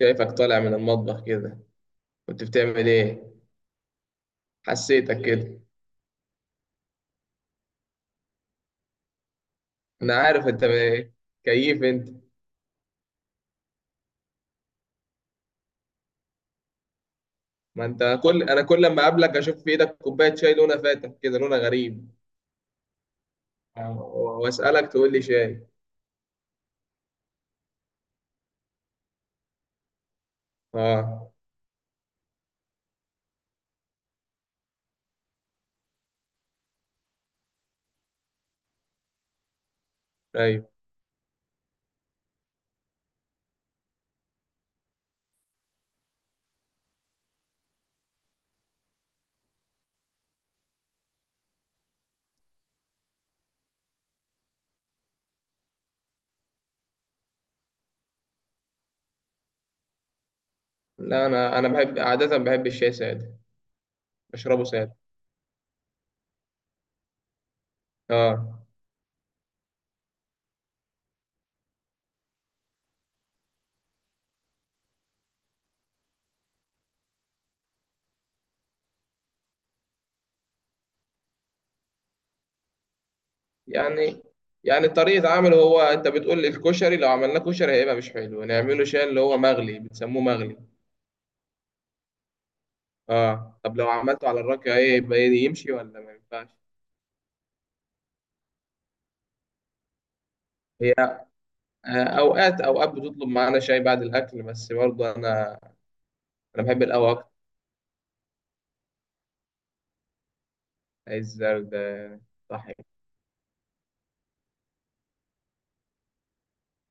شايفك طالع من المطبخ كده. كنت بتعمل ايه؟ حسيتك كده. انا عارف انت إيه. كيف انت؟ ما انت كل ما اقابلك اشوف في ايدك كوبايه شاي لونها فاتح كده، لونها غريب. واسالك تقول لي شاي. اه، ايوه. لا، انا بحب عاده، بحب الشاي ساده، بشربه ساده. اه. يعني يعني طريقه عمله، هو انت بتقول لي الكشري لو عملناه كشري هيبقى مش حلو، نعمله شاي اللي هو مغلي، بتسموه مغلي. اه. طب لو عملته على الراكعه ايه يبقى؟ يمشي ولا ما ينفعش؟ هي. اوقات اوقات بتطلب معانا شاي بعد الاكل، بس برضه انا بحب القهوه اكتر. عايز زرد. صحي.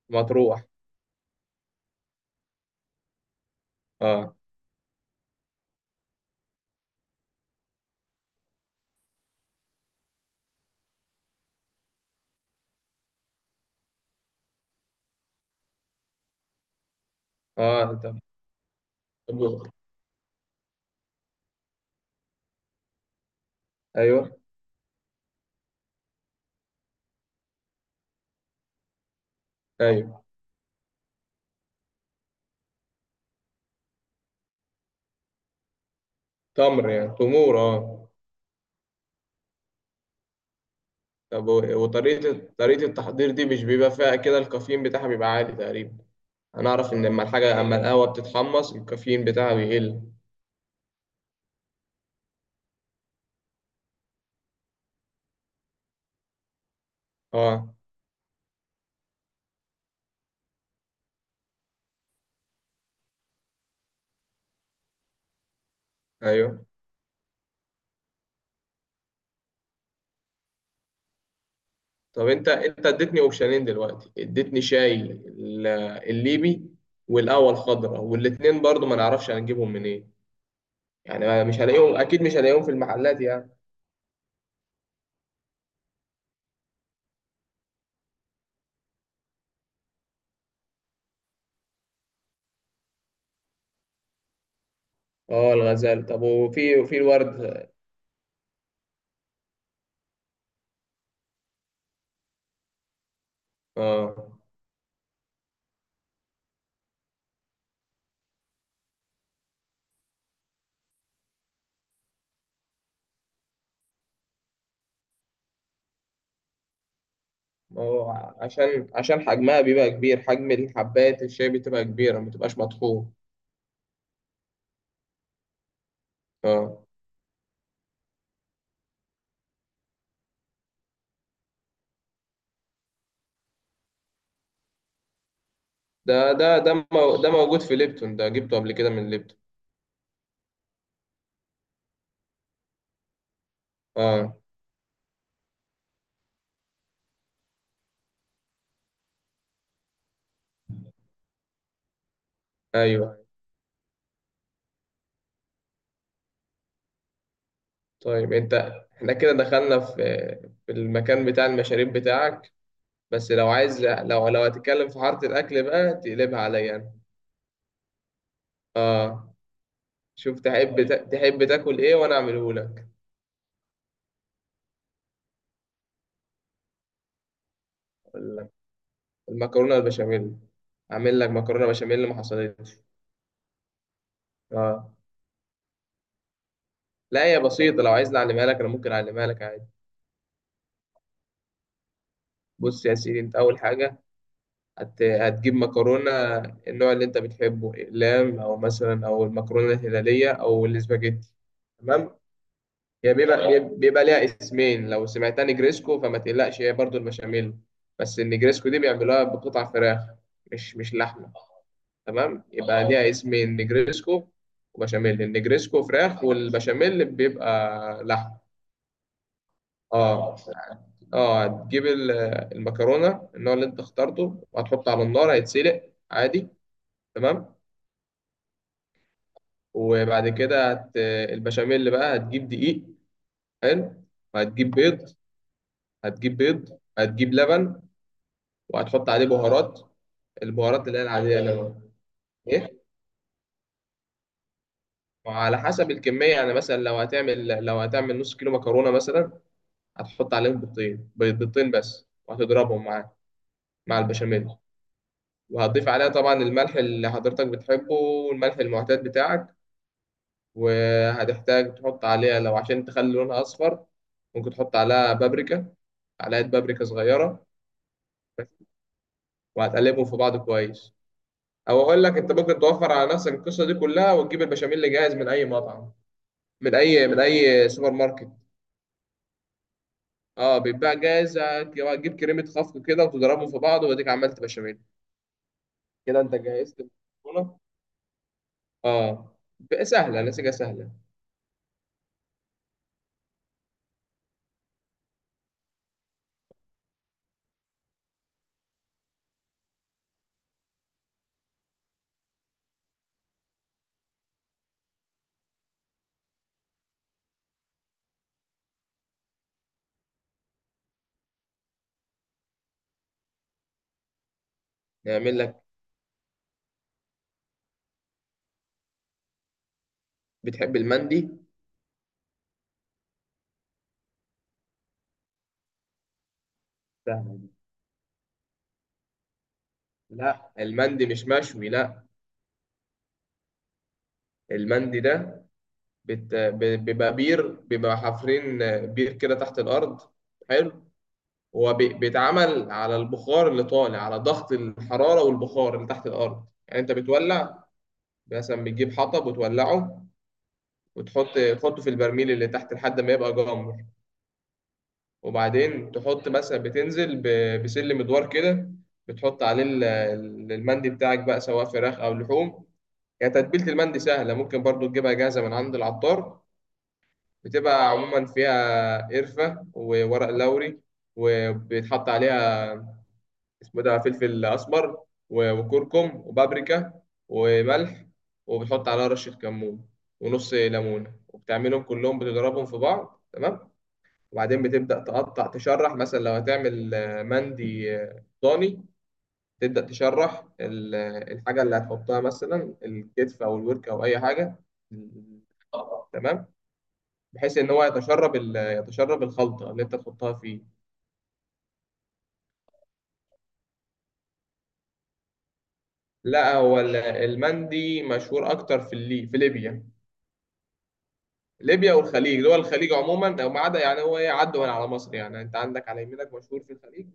مطروح. اه. اه. طب. ايوه، ايوه. تمر يعني تمور. اه. طب وطريقه التحضير دي مش بيبقى فيها كده الكافيين بتاعها بيبقى عالي تقريبا. انا اعرف ان اما القهوه بتتحمص الكافيين بتاعها بيقل. اه. ايوه. طب انت اديتني اوبشنين دلوقتي، اديتني شاي الليبي، والقهوه الخضراء، والاتنين برضو ما نعرفش هنجيبهم منين. يعني أنا مش هلاقيهم، اكيد مش هلاقيهم في المحلات يعني. اه، الغزال. طب وفي الورد. اه. ما هو عشان حجمها بيبقى كبير، حجم الحبات الشاي بتبقى كبيره، ما بتبقاش مطحون. اه. ده موجود في ليبتون، ده جبته قبل كده من ليبتون. اه. ايوه. طيب انت، احنا كده دخلنا في المكان بتاع المشاريب بتاعك، بس لو عايز لو لو هتتكلم في حاره الاكل بقى تقلبها عليا انا. اه. شوف، تحب تاكل ايه وانا اعمله لك. أقول لك، المكرونه البشاميل. اعمل لك مكرونه بشاميل اللي ما حصلتش. اه. لا هي بسيطه، لو عايز اعلمها لك انا ممكن اعلمها لك عادي. بص يا سيدي، انت اول حاجه هتجيب مكرونه النوع اللي انت بتحبه، اقلام او مثلا او المكرونه الهلاليه او الاسباجيتي. تمام. هي بيبقى ليها اسمين، لو سمعتها نجريسكو فما تقلقش، هي برضو البشاميل، بس النجريسكو دي بيعملوها بقطع فراخ، مش لحمة. تمام، يبقى اه ليها اسمين، نجريسكو وبشاميل. النجريسكو فراخ والبشاميل بيبقى لحمة. اه. اه. هتجيب المكرونة النوع اللي انت اخترته، وهتحطه على النار هيتسلق عادي. تمام. وبعد كده البشاميل بقى هتجيب دقيق، حلو. وهتجيب بيض. هتجيب لبن، وهتحط عليه بهارات. البهارات اللي هي العادية اللي هو ايه، وعلى حسب الكمية. يعني مثلا لو هتعمل نص كيلو مكرونة مثلا، هتحط عليهم بيضتين بس، وهتضربهم مع البشاميل، وهتضيف عليها طبعا الملح اللي حضرتك بتحبه، والملح المعتاد بتاعك. وهتحتاج تحط عليها لو عشان تخلي لونها أصفر ممكن تحط عليها بابريكا، معلقة بابريكا صغيرة، وهتقلبهم في بعض كويس. او اقول لك انت ممكن توفر على نفسك القصه دي كلها وتجيب البشاميل اللي جاهز من اي مطعم، من اي سوبر ماركت. اه بيتباع جاهز، هتجيب كريمه خفق كده وتضربهم في بعض، واديك عملت بشاميل. كده انت جهزت المكرونه. اه، بقى سهله، نسيجها سهله. نعمل لك، بتحب المندي؟ سهله دي. لا، المندي مش مشوي، لا. المندي ده بيبقى بير، بيبقى حافرين بير كده تحت الارض، حلو. هو بيتعمل على البخار اللي طالع على ضغط الحراره، والبخار اللي تحت الارض يعني، انت بتولع مثلا، بتجيب حطب وتولعه، تحطه في البرميل اللي تحت لحد ما يبقى جمر. وبعدين تحط مثلا، بتنزل بسلم ادوار كده، بتحط عليه المندي بتاعك بقى سواء فراخ او لحوم. يعني تتبيلة المندي سهلة، ممكن برضو تجيبها جاهزة من عند العطار. بتبقى عموما فيها قرفة وورق لوري، وبيتحط عليها اسمه ده فلفل أسمر وكركم وبابريكا وملح، وبتحط عليها رشة كمون ونص ليمونة، وبتعملهم كلهم بتضربهم في بعض. تمام. وبعدين بتبدأ تقطع تشرح، مثلا لو هتعمل مندي ضاني، تبدأ تشرح الحاجة اللي هتحطها، مثلا الكتف أو الورك أو أي حاجة. تمام. بحيث إن هو يتشرب يتشرب الخلطة اللي أنت تحطها فيه. لا، هو المندي مشهور أكتر في في ليبيا. ليبيا والخليج، دول الخليج عموما، أو ما عدا يعني هو إيه، عدوا من على مصر. يعني أنت عندك على يمينك مشهور في الخليج.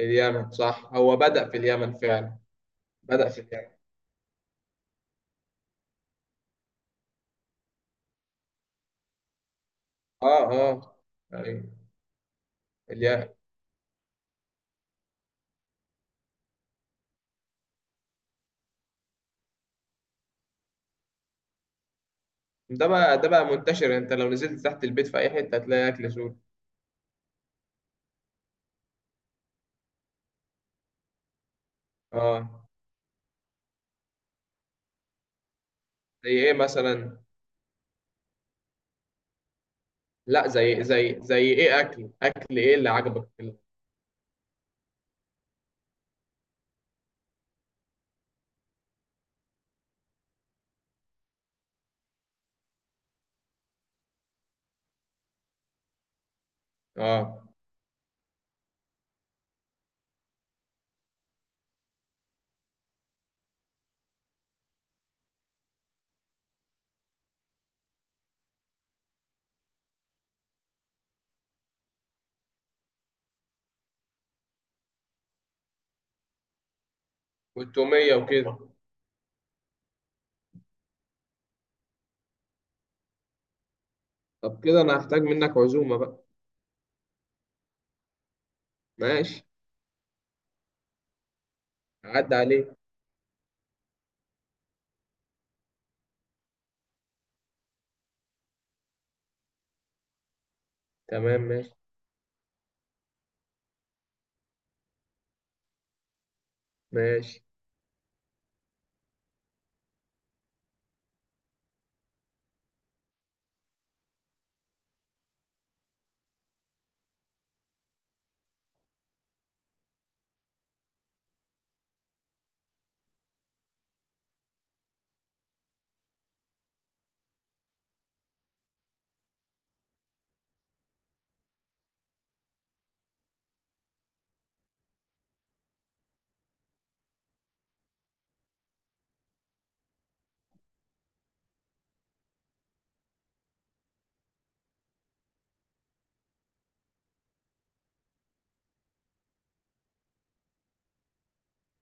اليمن، صح، هو بدأ في اليمن فعلا، بدأ في اليمن. اه. اه. ايوه. الياقة. ده بقى منتشر، انت لو نزلت تحت البيت في اي حته هتلاقي اكل سوري. اه، زي ايه مثلا؟ لا، زي ايه، اكل ايه اللي عجبك كده؟ اه. والتوميه وكده. طب كده انا هحتاج منك عزومه بقى. ماشي، عدى عليك. تمام، ماشي ماشي.